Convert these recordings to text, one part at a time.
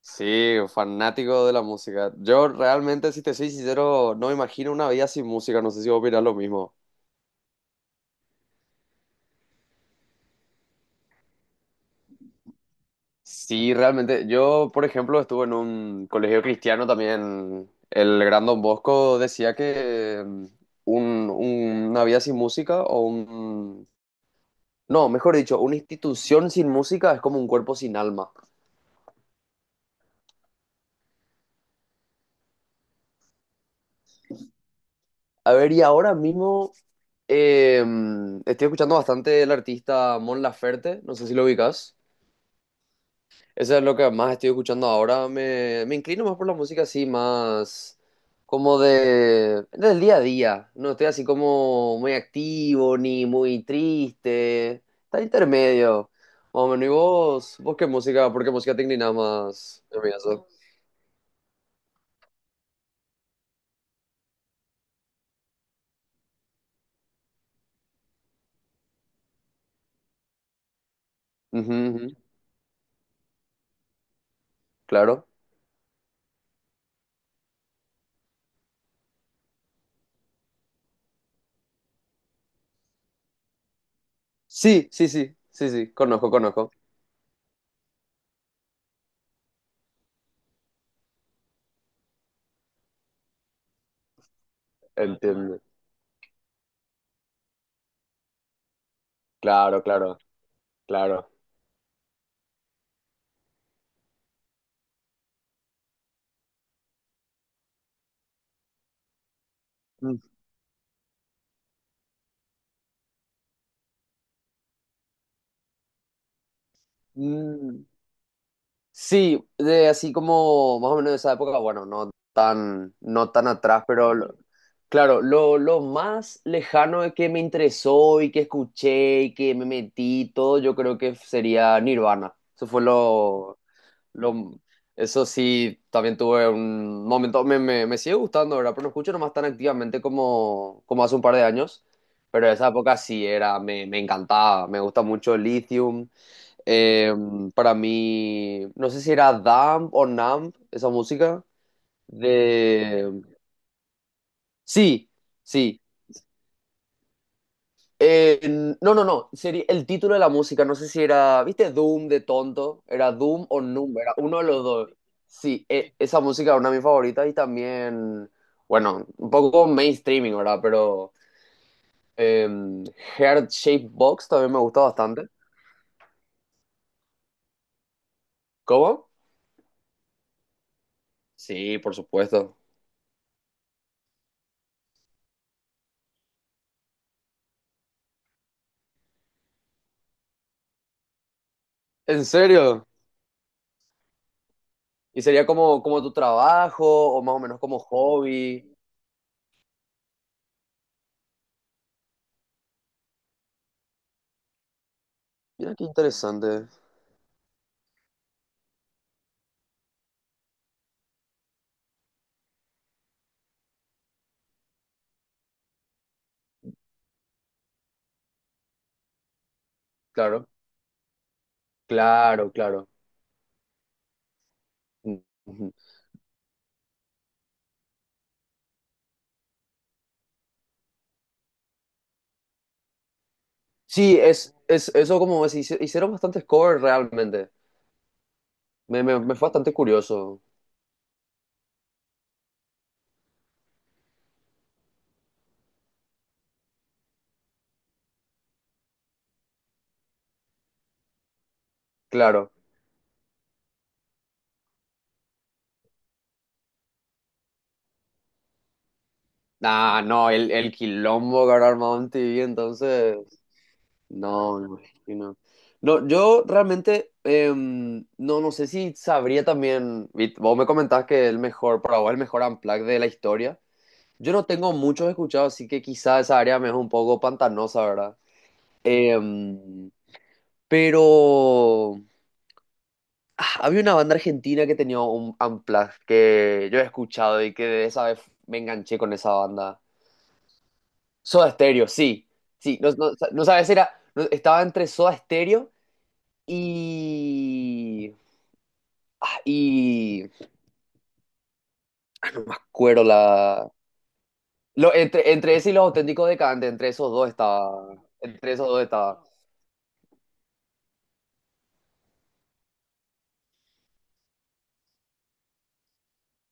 Sí, fanático de la música. Yo realmente, si te soy sincero, no me imagino una vida sin música. No sé si vos opinás lo mismo. Sí, realmente. Yo, por ejemplo, estuve en un colegio cristiano también. El gran Don Bosco decía que una vida sin música. No, mejor dicho, una institución sin música es como un cuerpo sin alma. A ver, y ahora mismo eh, estoy escuchando bastante el artista Mon Laferte. No sé si lo ubicas. Eso es lo que más estoy escuchando ahora. Me inclino más por la música así, más como del día a día. No estoy así como muy activo ni muy triste. Está intermedio. Más o menos. ¿Y vos qué música? ¿Por qué música te inclinás más? ¿Amigazo? Ujú, ujú. Claro. Sí, sí, sí. Sí, sí. Conozco, conozco. Entiendo. Claro, claro, claro. Mm. Mm. Sí, de así como más o menos de esa época, bueno, no tan atrás, pero claro, lo más lejano de que me interesó y que escuché y que me metí y todo, yo creo que sería Nirvana. Eso fue lo, eso sí, también tuve un momento, me sigue gustando, ¿verdad? Pero no escucho nomás tan activamente como hace un par de años. Pero esa época sí era, me encantaba, me gusta mucho Lithium. Eh, para mí, no sé si era Damp o Numb, esa música. De... Sí, sí. Eh, no, no, no. Sería el título de la música. No sé si era, ¿viste? Doom de tonto. Era Doom o Numb. Era uno de los dos. Sí, esa música es una de mis favoritas y también, bueno, un poco mainstreaming, ¿verdad? Pero em, Heart Shape Box también me gusta bastante. ¿Cómo? Sí, por supuesto. ¿En serio? ¿Y sería como, tu trabajo o más o menos como hobby? Mira qué interesante. Claro, claro, claro. Ujú. Sí, es eso como es, hicieron bastantes covers realmente. Me fue bastante curioso, claro. Ah, no, el quilombo que habrá armado MTV, entonces. No, me imagino. No, yo realmente no, no sé si sabría también. Vos me comentabas que el mejor, para vos, el mejor unplugged de la historia. Yo no tengo muchos escuchados, así que quizá esa área me es un poco pantanosa, ¿verdad? Em, pero. Ah, había una banda argentina que tenía un unplugged que yo he escuchado y que de esa vez me enganché con esa banda. Soda Stereo, sí. Sí, no, no, no sabes, era, estaba entre Soda Stereo y. Ah, y. Cuero la. Lo, entre ese y Los Auténticos decantes entre esos dos estaba. Entre esos dos estaba.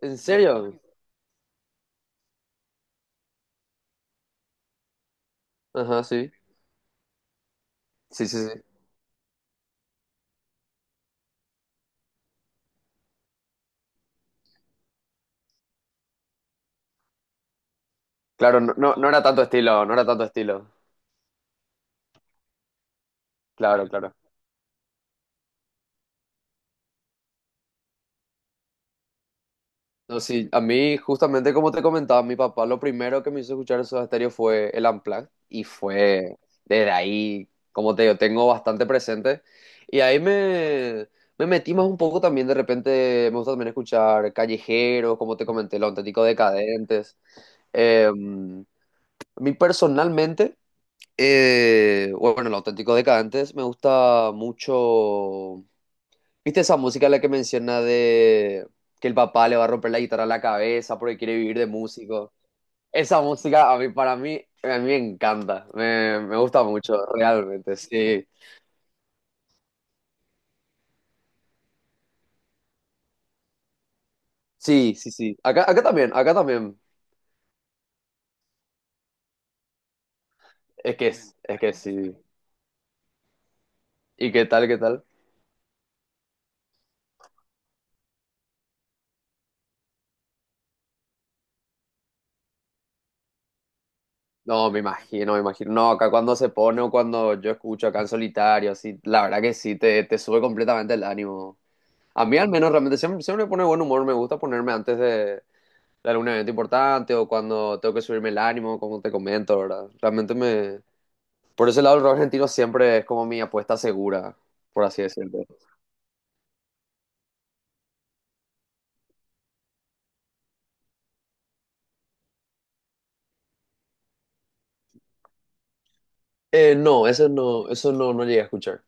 ¿En serio? Ajá, sí. Sí, sí, sí. Claro, no, no, no era tanto estilo, no era tanto estilo. Claro, claro. No, sí, a mí, justamente como te comentaba, mi papá lo primero que me hizo escuchar Soda Stereo fue el Unplugged y fue desde ahí, como te digo, tengo bastante presente. Y ahí me metí más un poco también, de repente me gusta también escuchar Callejeros, como te comenté, Los Auténticos Decadentes. A mí personalmente, bueno, Los Auténticos Decadentes me gusta mucho. ¿Viste esa música la que menciona de que el papá le va a romper la guitarra a la cabeza porque quiere vivir de músico? Esa música a mí, para mí, a mí me encanta, me gusta mucho, realmente, sí. Sí, sí, sí. Acá, acá también, acá también. Es que, es que sí. ¿Y qué tal, qué tal? No, me imagino, me imagino. No, acá cuando se pone o cuando yo escucho acá en solitario, sí, la verdad que sí, te sube completamente el ánimo. A mí al menos realmente siempre, siempre me pone buen humor, me gusta ponerme antes de algún evento importante o cuando tengo que subirme el ánimo, como te comento, ¿verdad? Realmente me. Por ese lado el rock argentino siempre es como mi apuesta segura, por así decirlo. No, eso no, eso no, no llegué a escuchar.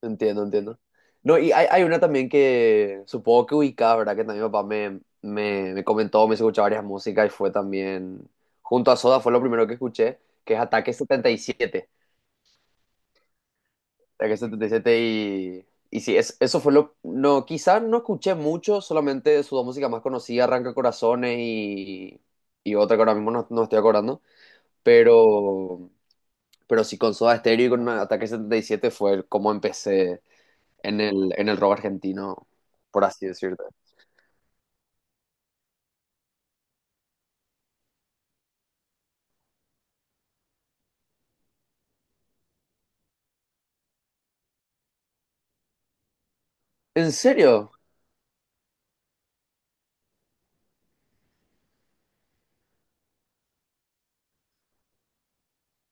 Entiendo, entiendo. No, y hay una también que supongo que ubicaba, ¿verdad? Que también mi papá me comentó, me hizo escuchar varias músicas y fue también, junto a Soda fue lo primero que escuché, que es Ataque 77 Ataque 77 y sí, eso fue lo, no, quizás no escuché mucho, solamente su dos músicas más conocidas, Arranca Corazones y otra que ahora mismo no, no estoy acordando, pero, pero sí con Soda Stereo y con Ataque 77 fue como empecé en el rock argentino, por así decirte. ¿En serio?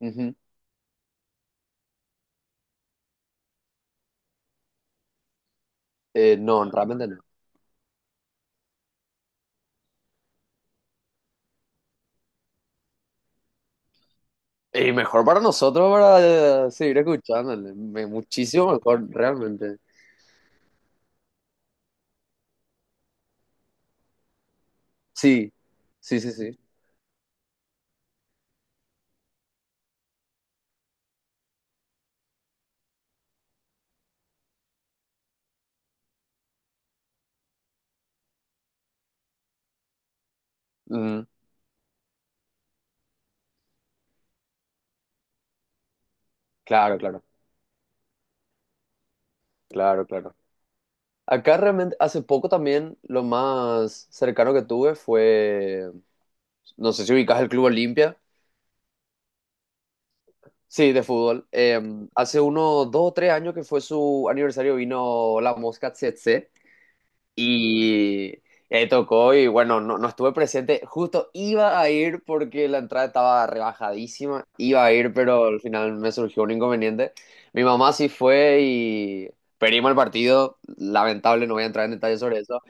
Ujú. No, realmente no. Y mejor para nosotros para seguir escuchándole. Muchísimo mejor, realmente. Sí, sí, sí, sí. Mm, claro, claro, claro, claro. Acá realmente, hace poco también lo más cercano que tuve fue, no sé si ubicas el Club Olimpia. Sí, de fútbol. Hace unos 2 o 3 años que fue su aniversario vino la Mosca Tsetse. Y ahí tocó y bueno, no, no estuve presente. Justo iba a ir porque la entrada estaba rebajadísima. Iba a ir, pero al final me surgió un inconveniente. Mi mamá sí fue y perdimos el partido. Lamentable, no voy a entrar en detalles sobre eso.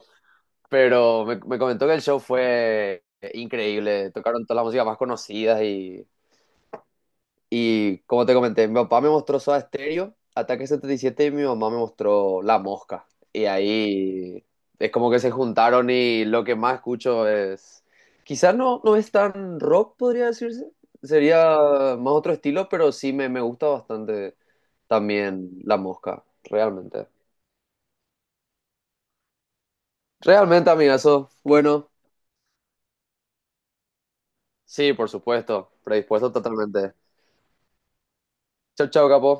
Pero me comentó que el show fue increíble. Tocaron todas las músicas más conocidas y como te comenté, mi papá me mostró Soda Stereo, Ataque 77 y siete, y mi mamá me mostró La Mosca. Y ahí es como que se juntaron y lo que más escucho es. Quizás no, no es tan rock, podría decirse. Sería más otro estilo, pero sí me gusta bastante también La Mosca, realmente. Realmente, amigazo. Bueno, sí, por supuesto. Predispuesto totalmente. Chau, chau, capo.